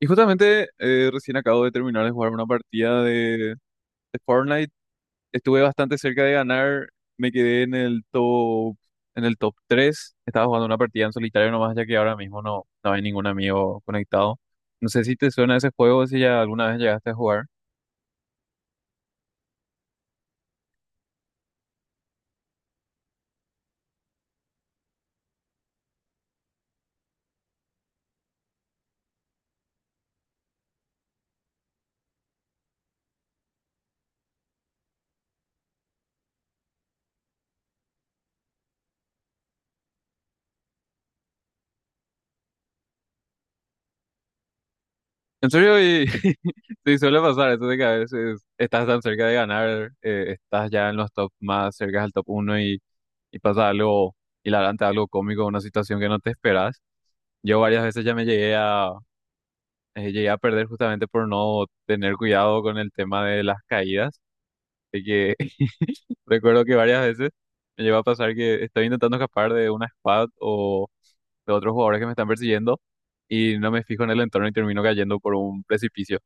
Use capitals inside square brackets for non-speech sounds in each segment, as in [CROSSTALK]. Y justamente recién acabo de terminar de jugar una partida de Fortnite. Estuve bastante cerca de ganar. Me quedé en el top tres. Estaba jugando una partida en solitario nomás, ya que ahora mismo no hay ningún amigo conectado. No sé si te suena ese juego, si ya alguna vez llegaste a jugar. ¿En serio? Y, [LAUGHS] sí, suele pasar eso de que a veces estás tan cerca de ganar, estás ya en los top más cerca al top uno y pasa algo hilarante, algo cómico, una situación que no te esperas. Yo varias veces ya llegué a perder justamente por no tener cuidado con el tema de las caídas. De que [LAUGHS] recuerdo que varias veces me llegó a pasar que estoy intentando escapar de una squad o de otros jugadores que me están persiguiendo y no me fijo en el entorno y termino cayendo por un precipicio.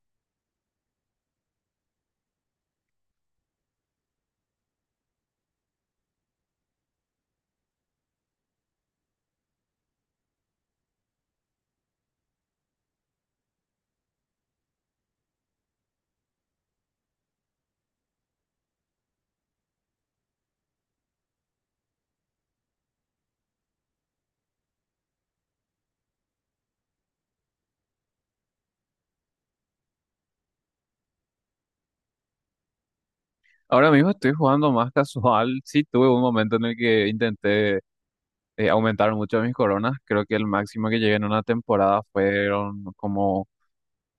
Ahora mismo estoy jugando más casual. Sí, tuve un momento en el que intenté aumentar mucho mis coronas. Creo que el máximo que llegué en una temporada fueron como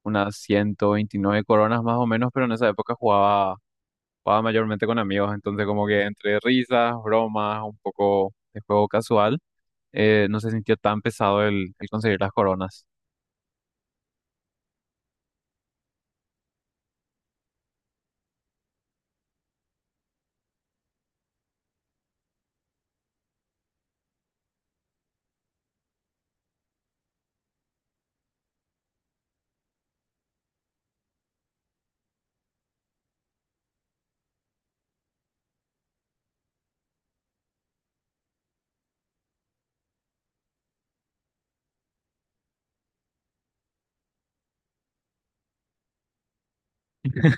unas 129 coronas más o menos, pero en esa época jugaba mayormente con amigos, entonces como que entre risas, bromas, un poco de juego casual, no se sintió tan pesado el conseguir las coronas.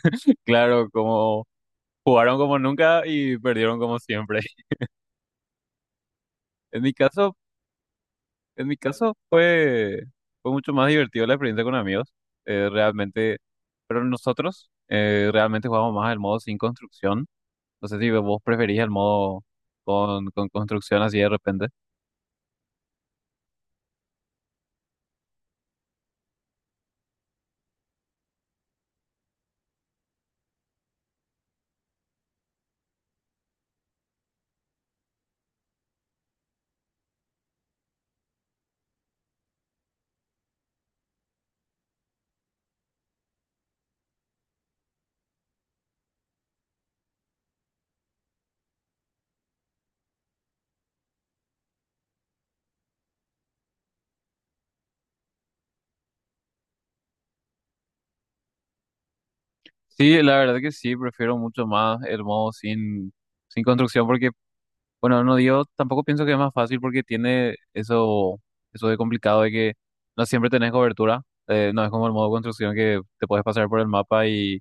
[LAUGHS] Claro, como jugaron como nunca y perdieron como siempre. [LAUGHS] En mi caso, en mi caso fue mucho más divertido la experiencia con amigos, realmente, pero nosotros realmente jugamos más el modo sin construcción. No sé si vos preferís el modo con construcción así de repente. Sí, la verdad que sí, prefiero mucho más el modo sin construcción porque, bueno, no digo, tampoco pienso que es más fácil porque tiene eso, eso de complicado de que no siempre tenés cobertura. No es como el modo construcción que te puedes pasar por el mapa y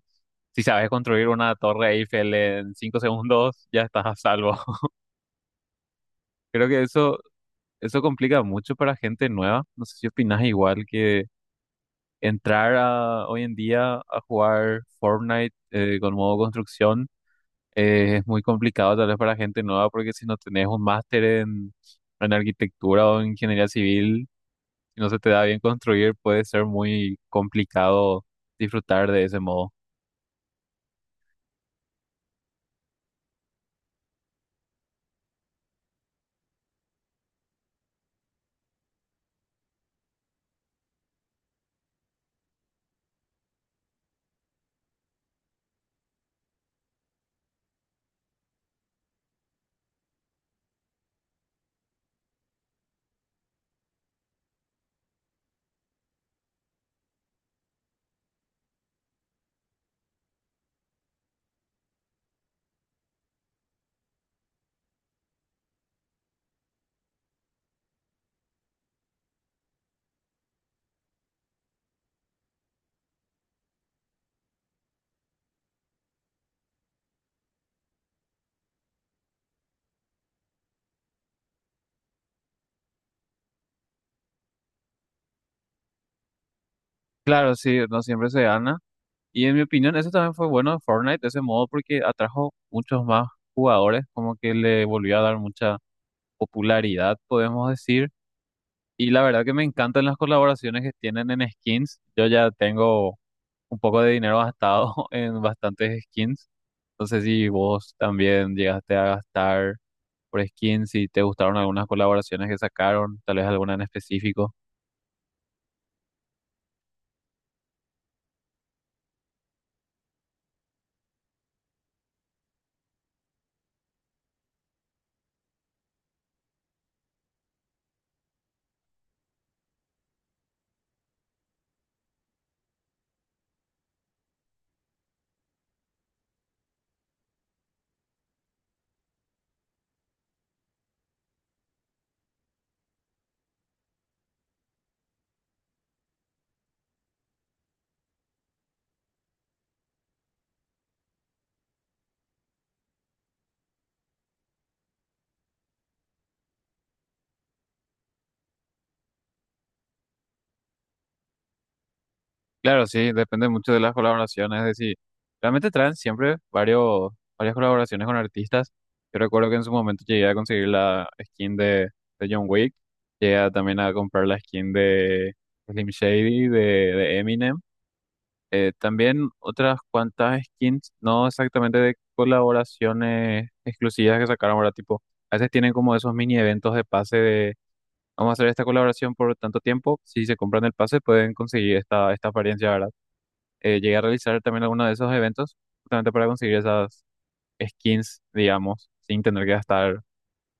si sabes construir una torre Eiffel en 5 [LAUGHS] segundos, ya estás a salvo. [LAUGHS] Creo que eso complica mucho para gente nueva. No sé si opinas igual que entrar a, hoy en día a jugar Fortnite con modo construcción. Es muy complicado tal vez para gente nueva porque si no tenés un máster en arquitectura o en ingeniería civil, si no se te da bien construir, puede ser muy complicado disfrutar de ese modo. Claro, sí, no siempre se gana. Y en mi opinión, eso también fue bueno de Fortnite, de ese modo, porque atrajo muchos más jugadores, como que le volvió a dar mucha popularidad, podemos decir. Y la verdad que me encantan las colaboraciones que tienen en skins. Yo ya tengo un poco de dinero gastado [LAUGHS] en bastantes skins. No sé si vos también llegaste a gastar por skins, si te gustaron algunas colaboraciones que sacaron, tal vez alguna en específico. Claro, sí, depende mucho de las colaboraciones, es decir, realmente traen siempre varias colaboraciones con artistas. Yo recuerdo que en su momento llegué a conseguir la skin de John Wick, también a comprar la skin de Slim Shady, de Eminem. También otras cuantas skins, no exactamente de colaboraciones exclusivas que sacaron ahora, tipo, a veces tienen como esos mini eventos de pase de, vamos a hacer esta colaboración por tanto tiempo, si se compran el pase pueden conseguir esta, esta apariencia, ¿verdad? Llegué a realizar también algunos de esos eventos justamente para conseguir esas skins, digamos, sin tener que gastar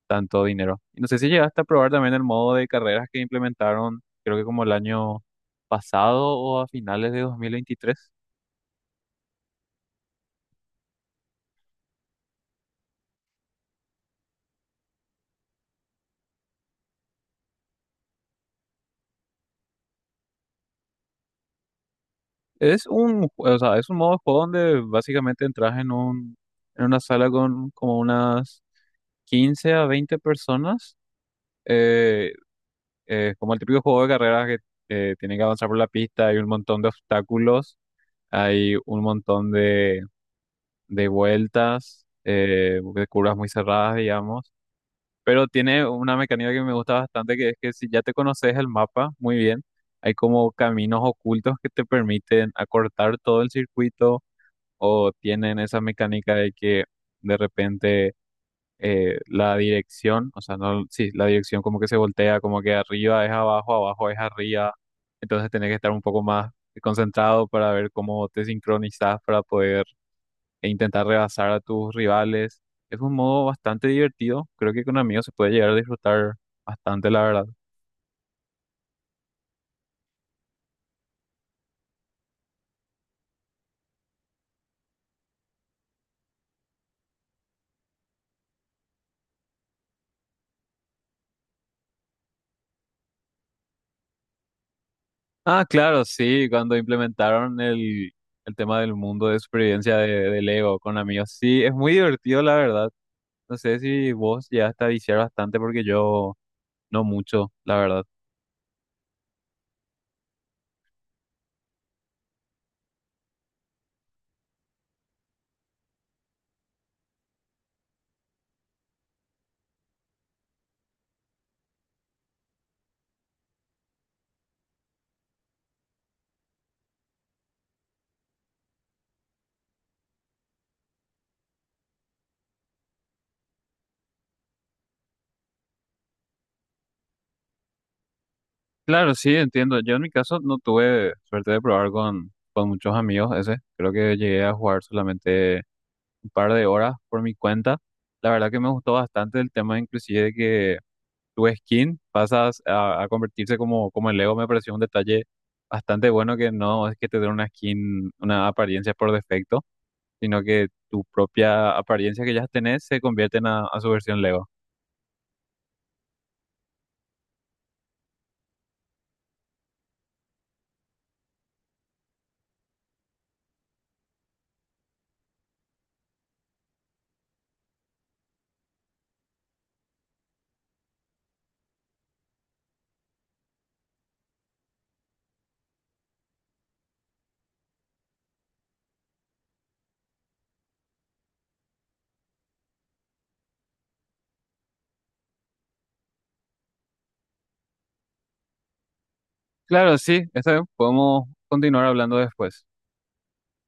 tanto dinero. Y no sé si llegaste a probar también el modo de carreras que implementaron, creo que como el año pasado o a finales de 2023. Es un, ju- o sea, Es un modo de juego donde básicamente en una sala con como unas 15 a 20 personas, eh, como el típico juego de carreras que tiene que avanzar por la pista, hay un montón de obstáculos, hay un montón de vueltas, de curvas muy cerradas, digamos, pero tiene una mecánica que me gusta bastante, que es que si ya te conoces el mapa muy bien, hay como caminos ocultos que te permiten acortar todo el circuito o tienen esa mecánica de que de repente la dirección, o sea, no, sí, la dirección como que se voltea, como que arriba es abajo, abajo es arriba, entonces tenés que estar un poco más concentrado para ver cómo te sincronizas para poder e intentar rebasar a tus rivales. Es un modo bastante divertido, creo que con amigos se puede llegar a disfrutar bastante, la verdad. Ah, claro, sí, cuando implementaron el tema del mundo de supervivencia de Lego con amigos, sí, es muy divertido, la verdad. No sé si vos ya a viciar bastante porque yo no mucho, la verdad. Claro, sí, entiendo. Yo en mi caso no tuve suerte de probar con muchos amigos ese. Creo que llegué a jugar solamente un par de horas por mi cuenta. La verdad que me gustó bastante el tema inclusive de que tu skin pasas a convertirse como, como el Lego. Me pareció un detalle bastante bueno que no es que te den una skin, una apariencia por defecto, sino que tu propia apariencia que ya tenés se convierte en a su versión Lego. Claro, sí, está bien, podemos continuar hablando después.